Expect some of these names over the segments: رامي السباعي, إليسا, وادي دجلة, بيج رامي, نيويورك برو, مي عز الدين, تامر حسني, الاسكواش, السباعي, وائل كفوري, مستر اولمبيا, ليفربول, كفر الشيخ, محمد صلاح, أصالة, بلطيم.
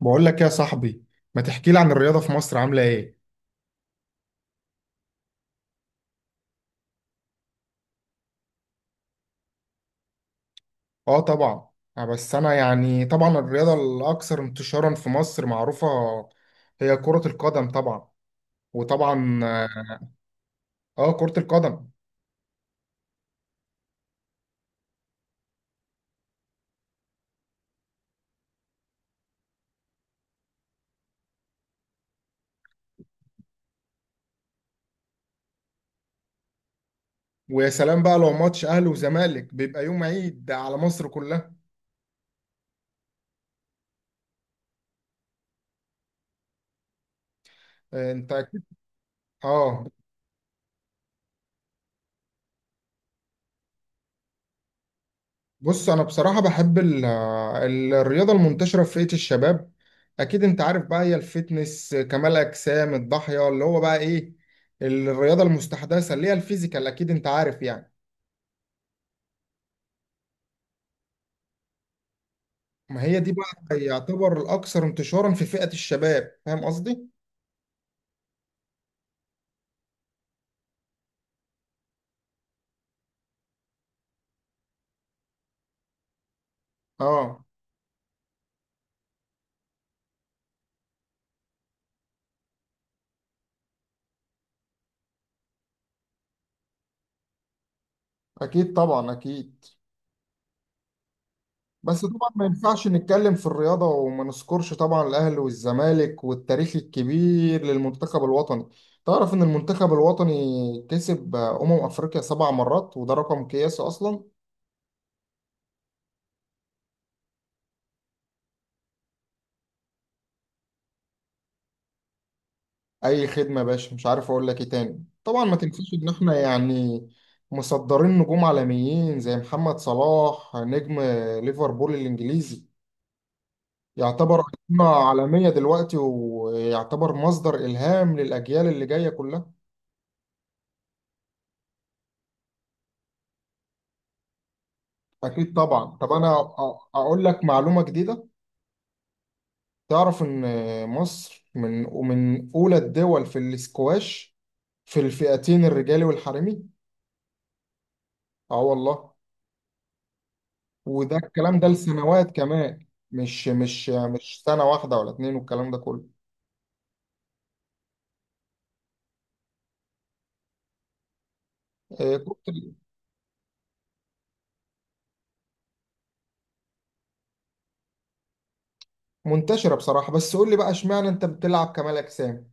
بقول لك يا صاحبي، ما تحكي لي عن الرياضة في مصر عاملة ايه؟ اه طبعا. بس انا يعني طبعا الرياضة الاكثر انتشارا في مصر معروفة هي كرة القدم طبعا وطبعا آه، كرة القدم. ويا سلام بقى لو ماتش اهلي وزمالك، بيبقى يوم عيد على مصر كلها. آه، انت اكيد. اه، بص انا بصراحه بحب الرياضه المنتشره في فئه الشباب. اكيد انت عارف بقى، هي الفتنس كمال اجسام الضاحيه اللي هو بقى ايه، الرياضه المستحدثه اللي هي الفيزيكال، اكيد انت عارف يعني. ما هي دي بقى يعتبر الاكثر انتشارا في فئه الشباب، فاهم قصدي؟ اه، اكيد طبعا اكيد. بس طبعا ما ينفعش نتكلم في الرياضة وما نذكرش طبعا الأهلي والزمالك والتاريخ الكبير للمنتخب الوطني. تعرف إن المنتخب الوطني كسب أمم أفريقيا سبع مرات، وده رقم قياسي أصلا. أي خدمة يا باشا، مش عارف أقول لك إيه تاني. طبعا ما تنسيش إن إحنا يعني مصدرين نجوم عالميين زي محمد صلاح، نجم ليفربول الإنجليزي، يعتبر أيقونة عالمية دلوقتي، ويعتبر مصدر إلهام للأجيال اللي جاية كلها. أكيد طبعا. طب أنا أقول لك معلومة جديدة. تعرف إن مصر ومن أولى الدول في الاسكواش، في الفئتين الرجالي والحريمي. آه والله. وده الكلام ده لسنوات كمان، مش سنة واحدة ولا اتنين، والكلام ده كله. آه، كنت منتشرة بصراحة. بس قول لي بقى، اشمعنى أنت بتلعب كمال أجسام؟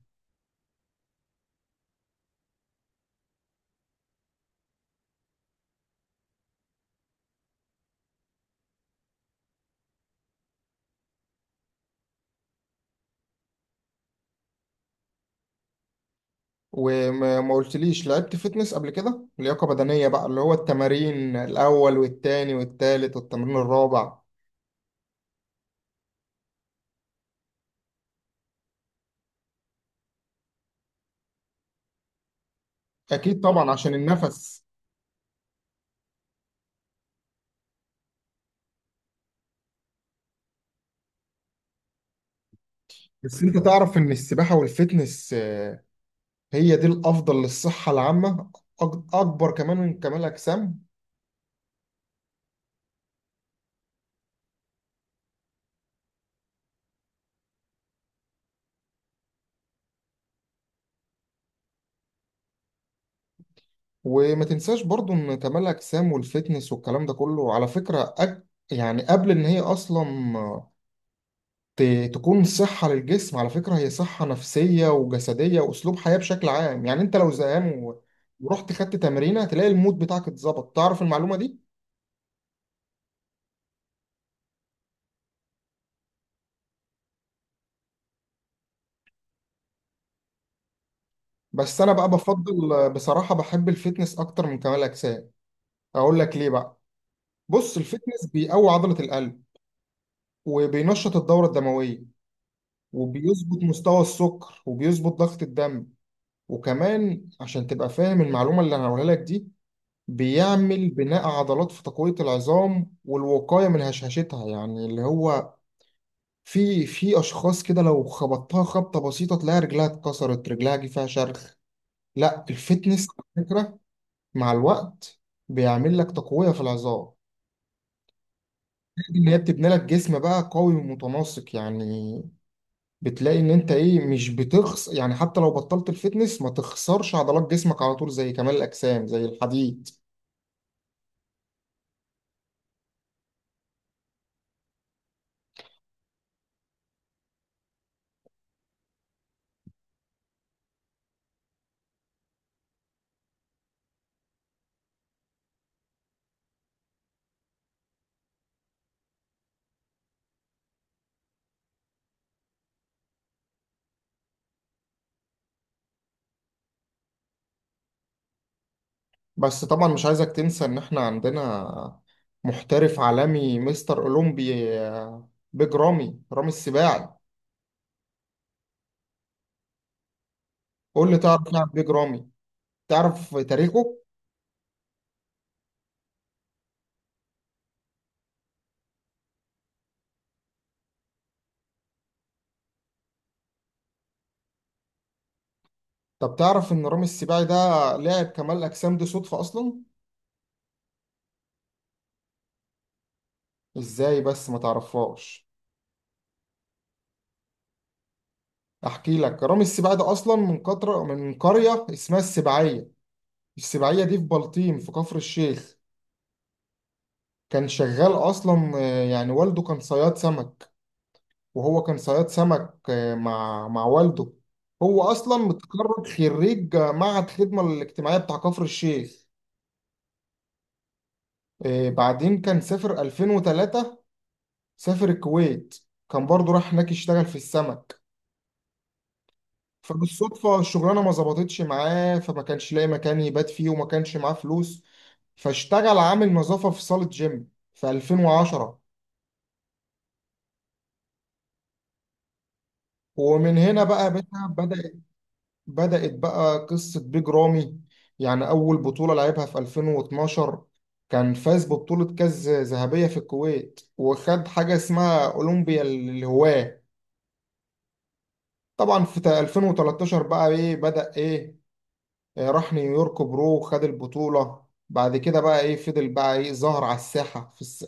وما ما قلتليش لعبت فيتنس قبل كده، لياقة بدنية بقى اللي هو التمارين الأول والتاني والتالت والتمرين الرابع؟ اكيد طبعا عشان النفس. بس انت تعرف ان السباحه والفتنس هي دي الافضل للصحه العامه، اكبر كمان من كمال اجسام. وما تنساش برضو ان كمال اجسام والفتنس والكلام ده كله على فكره، يعني قبل ان هي اصلا آه، ت... تكون صحه للجسم، على فكره هي صحه نفسيه وجسديه واسلوب حياه بشكل عام. يعني انت لو زهقان ورحت خدت تمرينه هتلاقي المود بتاعك اتظبط، تعرف المعلومه دي؟ بس انا بقى بفضل بصراحه بحب الفتنس اكتر من كمال اجسام. اقول لك ليه بقى. بص، الفتنس بيقوي عضلة القلب، وبينشط الدورة الدموية، وبيظبط مستوى السكر، وبيظبط ضغط الدم. وكمان عشان تبقى فاهم المعلومة اللي انا هقولها لك دي، بيعمل بناء عضلات في تقوية العظام والوقاية من هشاشتها. يعني اللي هو، في اشخاص كده لو خبطتها خبطة بسيطة تلاقي رجلها اتكسرت، رجلها جه فيها شرخ. لا، الفتنس على فكرة مع الوقت بيعمل لك تقوية في العظام، اللي هي بتبني لك جسم بقى قوي ومتناسق يعني. بتلاقي ان انت ايه، مش بتخس يعني، حتى لو بطلت الفتنس ما تخسرش عضلات جسمك على طول زي كمال الاجسام، زي الحديد. بس طبعا مش عايزك تنسى ان احنا عندنا محترف عالمي، مستر اولمبي، بيج رامي، رامي السباعي. قول لي، تعرف إيه عن بيج رامي؟ تعرف تاريخه؟ طب تعرف ان رامي السباعي ده لاعب كمال الاجسام دي صدفة اصلا؟ ازاي بس ما تعرفهاش؟ احكي لك. رامي السباعي ده اصلا من قطره، من قريه اسمها السباعيه. السباعيه دي في بلطيم في كفر الشيخ. كان شغال اصلا، يعني والده كان صياد سمك. وهو كان صياد سمك مع والده. هو اصلا خريج معهد الخدمه الاجتماعيه بتاع كفر الشيخ. بعدين كان سافر 2003، سافر الكويت، كان برضه راح هناك يشتغل في السمك. فبالصدفة الشغلانة ما ظبطتش معاه، فما كانش لاقي مكان يبات فيه، وما كانش معاه فلوس. فاشتغل عامل نظافة في صالة جيم في 2010. ومن هنا بقى يا باشا بدأت بدأت بقى قصة بيج رامي. يعني أول بطولة لعبها في 2012، كان فاز ببطولة كاس ذهبية في الكويت، وخد حاجة اسمها أولمبيا للهواة. طبعا في 2013 بقى إيه، بدأ إيه، راح نيويورك برو وخد البطولة. بعد كده بقى إيه، فضل بقى إيه، ظهر على الساحة في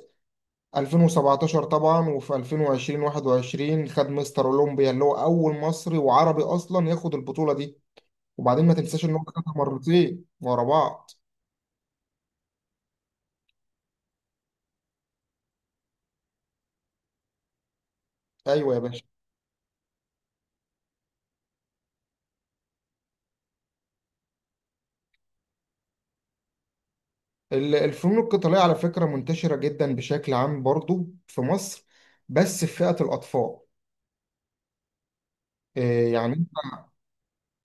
2017. طبعا وفي 2020-21 خد مستر اولمبيا، اللي هو اول مصري وعربي اصلا ياخد البطوله دي. وبعدين ما تنساش ان هو خدها مرتين ورا بعض. ايوه يا باشا. الفنون القتاليه على فكره منتشره جدا بشكل عام برضو في مصر، بس في فئه الاطفال. آه، يعني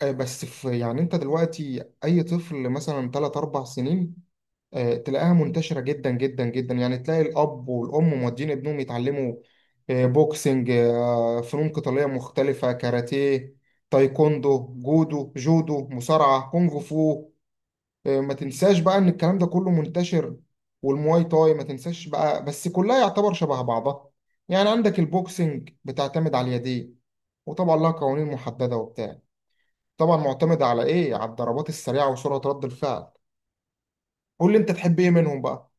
بس في يعني، انت دلوقتي اي طفل مثلا 3 4 سنين تلاقيها منتشرة جدا جدا جدا، يعني تلاقي الأب والأم مودين ابنهم يتعلموا بوكسنج، فنون قتالية مختلفة، كاراتيه، تايكوندو، جودو، مصارعة، كونغ فو. ما تنساش بقى إن الكلام ده كله منتشر، والمواي تاي ما تنساش بقى. بس كلها يعتبر شبه بعضها. يعني عندك البوكسنج بتعتمد على اليدين، وطبعا لها قوانين محددة وبتاع، طبعا معتمدة على إيه، على الضربات السريعة وسرعة رد الفعل. قول لي، أنت تحب إيه منهم بقى؟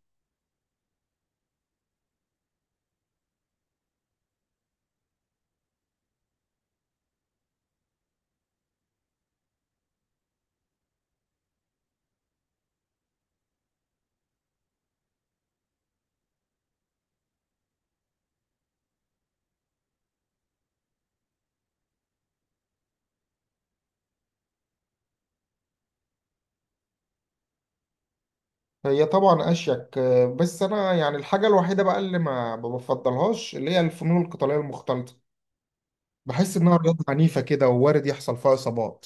هي طبعا اشيك، بس انا يعني الحاجه الوحيده بقى اللي ما بفضلهاش اللي هي الفنون القتاليه المختلطه. بحس انها رياضه عنيفه كده، ووارد يحصل فيها اصابات.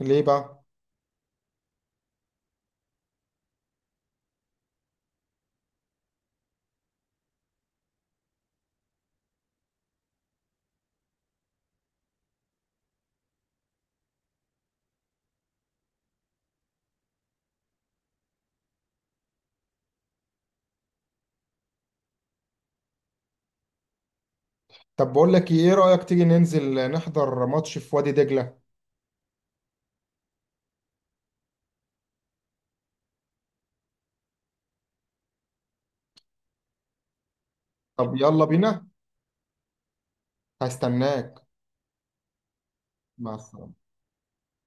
ليه بقى؟ طب بقول لك ايه، إيه رايك تيجي ننزل نحضر ماتش في وادي دجله؟ طب يلا بينا. هستناك. مع السلامه.